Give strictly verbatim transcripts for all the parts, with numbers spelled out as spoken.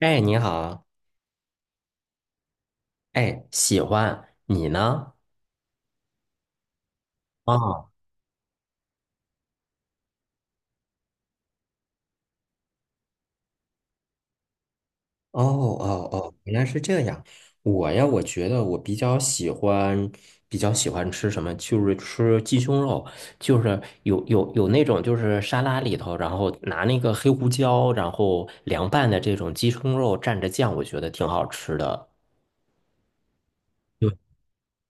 哎，你好，哎，喜欢你呢？啊，哦哦哦，原来是这样。我呀，我觉得我比较喜欢，比较喜欢吃什么，就是吃鸡胸肉，就是有有有那种就是沙拉里头，然后拿那个黑胡椒，然后凉拌的这种鸡胸肉蘸着酱，我觉得挺好吃的。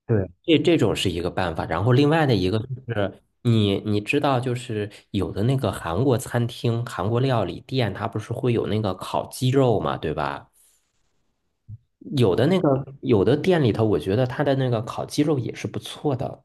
对，这这种是一个办法，然后另外的一个就是你你知道，就是有的那个韩国餐厅、韩国料理店，它不是会有那个烤鸡肉嘛，对吧？有的那个有的店里头，我觉得它的那个烤鸡肉也是不错的。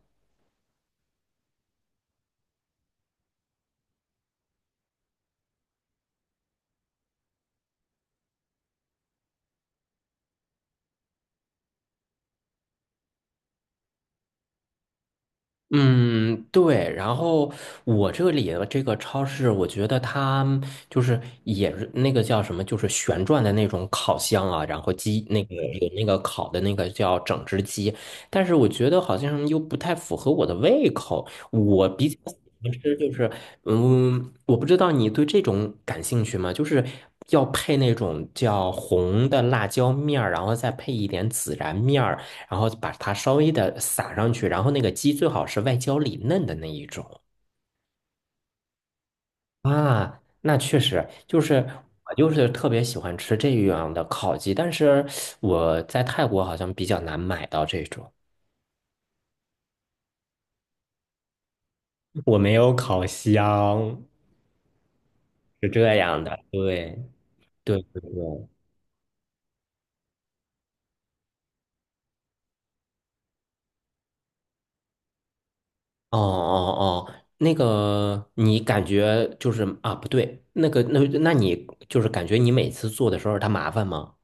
嗯，对。然后我这里的这个超市，我觉得它就是也是那个叫什么，就是旋转的那种烤箱啊，然后鸡那个有那个烤的那个叫整只鸡，但是我觉得好像又不太符合我的胃口。我比较喜欢吃就是，嗯，我不知道你对这种感兴趣吗？就是要配那种叫红的辣椒面儿，然后再配一点孜然面儿。然后把它稍微的撒上去，然后那个鸡最好是外焦里嫩的那一种啊。那确实就是我就是特别喜欢吃这样的烤鸡，但是我在泰国好像比较难买到这种，我没有烤箱，是这样的。对对对对，哦哦哦，那个你感觉就是啊，不对，那个那那你就是感觉你每次做的时候它麻烦吗？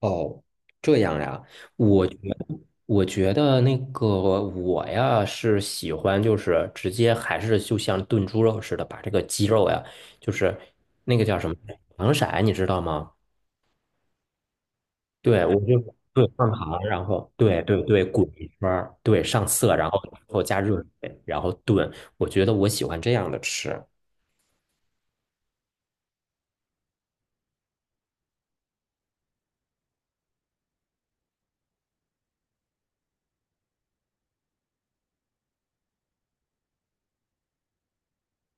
哦，这样呀，我觉得我觉得那个我呀是喜欢，就是直接还是就像炖猪肉似的，把这个鸡肉呀，就是那个叫什么糖色，你知道吗？对，我就对放糖，然后对对对滚一圈儿，对上色，然后然后加热水，然后炖。我觉得我喜欢这样的吃。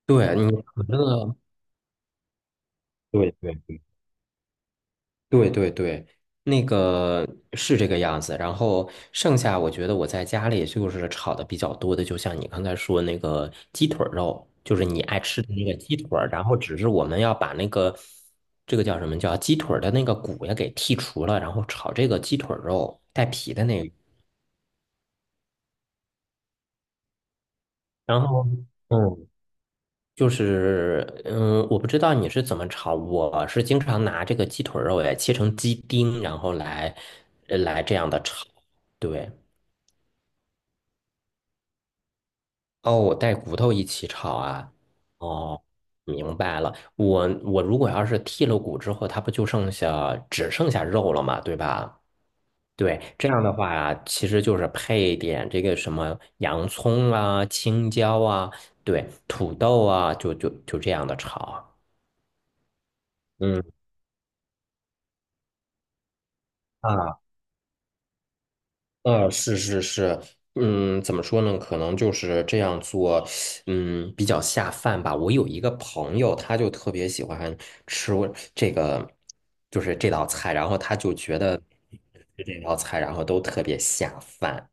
对你可乐，对对对对对，那个是这个样子。然后剩下，我觉得我在家里就是炒的比较多的，就像你刚才说那个鸡腿儿肉，就是你爱吃的那个鸡腿儿然后只是我们要把那个这个叫什么叫鸡腿儿的那个骨也给剔除了，然后炒这个鸡腿儿肉带皮的那个。然后嗯，就是嗯，我不知道你是怎么炒，我是经常拿这个鸡腿儿肉也切成鸡丁，然后来呃来这样的炒。对。哦，我带骨头一起炒啊。哦，明白了。我我如果要是剔了骨之后，它不就剩下只剩下肉了嘛，对吧？对，这样的话，其实就是配一点这个什么洋葱啊、青椒啊，对，土豆啊，就就就这样的炒啊。嗯啊，啊，是是是，嗯，怎么说呢？可能就是这样做，嗯，比较下饭吧。我有一个朋友，他就特别喜欢吃我这个，就是这道菜，然后他就觉得吃这道菜，然后都特别下饭。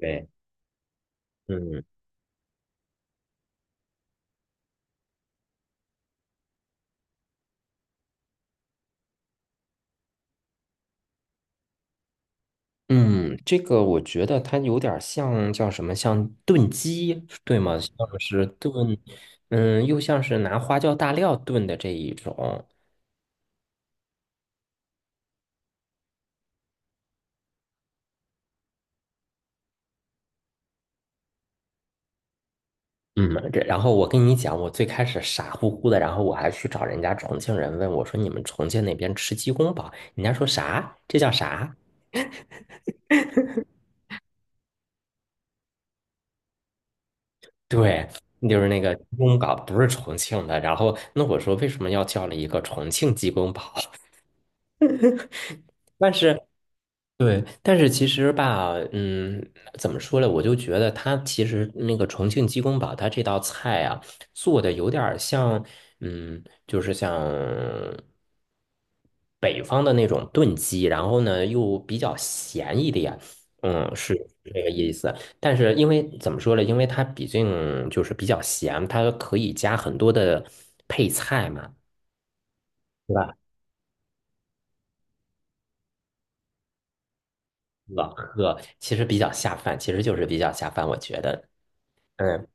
对，嗯嗯，这个我觉得它有点儿像叫什么，像炖鸡，对吗？像是炖，嗯，又像是拿花椒大料炖的这一种。嗯，这然后我跟你讲，我最开始傻乎乎的，然后我还去找人家重庆人问我说：“你们重庆那边吃鸡公煲？”人家说啥？这叫啥？对，就是那个鸡公煲不是重庆的。然后那我说为什么要叫了一个重庆鸡公煲？但是对，但是其实吧，嗯，怎么说呢？我就觉得它其实那个重庆鸡公煲，它这道菜啊，做的有点儿像，嗯，就是像北方的那种炖鸡，然后呢又比较咸一点，嗯，是这个意思。但是因为怎么说呢？因为它毕竟就是比较咸，它可以加很多的配菜嘛，对吧？老喝其实比较下饭，其实就是比较下饭，我觉得。嗯。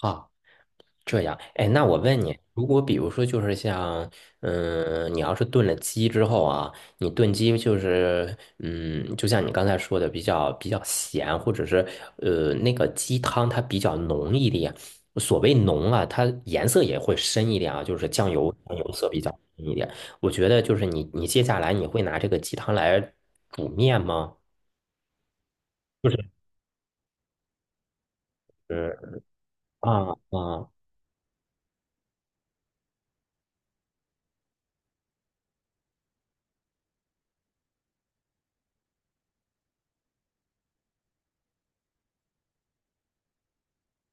好，这样，哎，那我问你，如果比如说就是像，嗯，你要是炖了鸡之后啊，你炖鸡就是，嗯，就像你刚才说的，比较比较咸，或者是呃那个鸡汤它比较浓一点。所谓浓啊，它颜色也会深一点啊，就是酱油酱油色比较深一点。我觉得就是你你接下来你会拿这个鸡汤来煮面吗？嗯啊啊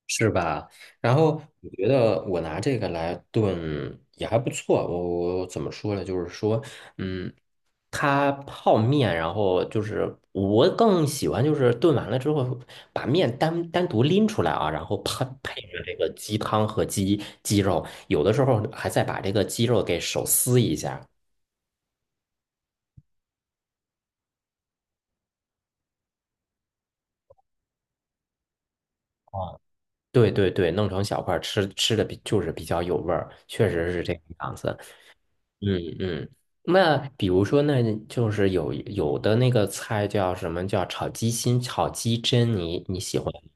是吧？然后嗯我觉得我拿这个来炖也还不错。我我怎么说呢？就是说，嗯，它泡面，然后就是我更喜欢就是炖完了之后把面单单独拎出来啊，然后配配着这个鸡汤和鸡鸡肉，有的时候还再把这个鸡肉给手撕一下。哦，对对对，弄成小块儿吃，吃的比就是比较有味儿，确实是这个样子。嗯嗯，那比如说，那就是有有的那个菜叫什么叫炒鸡心、炒鸡胗，你你喜欢吗？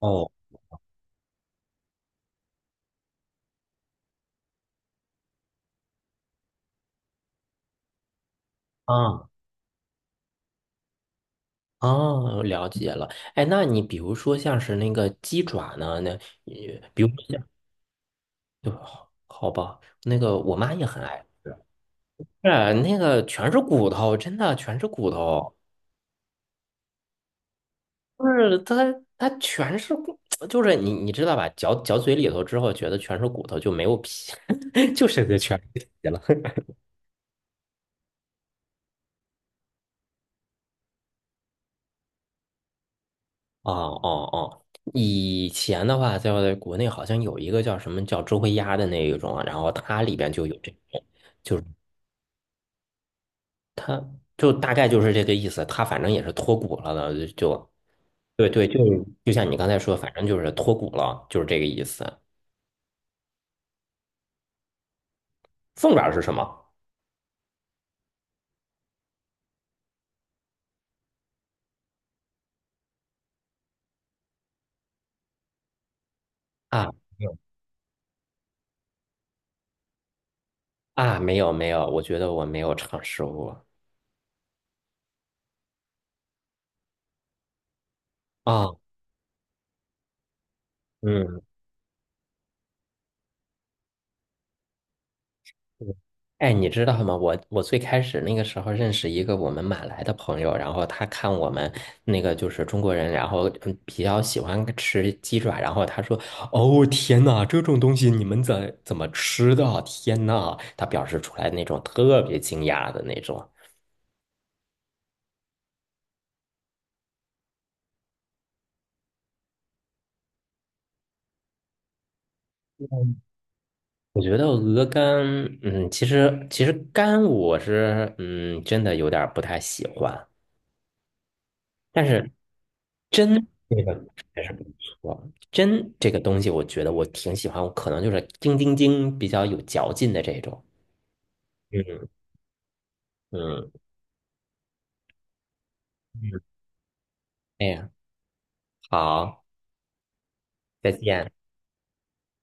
哦，啊哦，了解了。哎，那你比如说像是那个鸡爪呢，那也比如说像，对好好吧，那个我妈也很爱是那个全是骨头，真的全是骨头，就是它它全是骨，就是你你知道吧，嚼嚼嘴里头之后，觉得全是骨头就没有皮，就剩下全是皮了。哦哦哦，以前的话，在国内好像有一个叫什么叫周黑鸭的那一种啊然后它里边就有这种，就大概就是这个意思。它反正也是脱骨了的，就对对，就就像你刚才说，反正就是脱骨了，就是这个意思。凤爪是什么啊？没有啊，没有没有，我觉得我没有尝试过啊。嗯，哎，你知道吗？我我最开始那个时候认识一个我们马来的朋友，然后他看我们那个就是中国人，然后嗯比较喜欢吃鸡爪，然后他说：“哦，天呐，这种东西你们怎怎么吃的啊？天呐！”他表示出来那种特别惊讶的那种。我觉得鹅肝，嗯，其实其实肝我是嗯真的有点儿不太喜欢，但是真这个还是不错，真这个东西我觉得我挺喜欢，我可能就是叮叮叮比较有嚼劲的这种。嗯嗯嗯，哎呀，好，再见。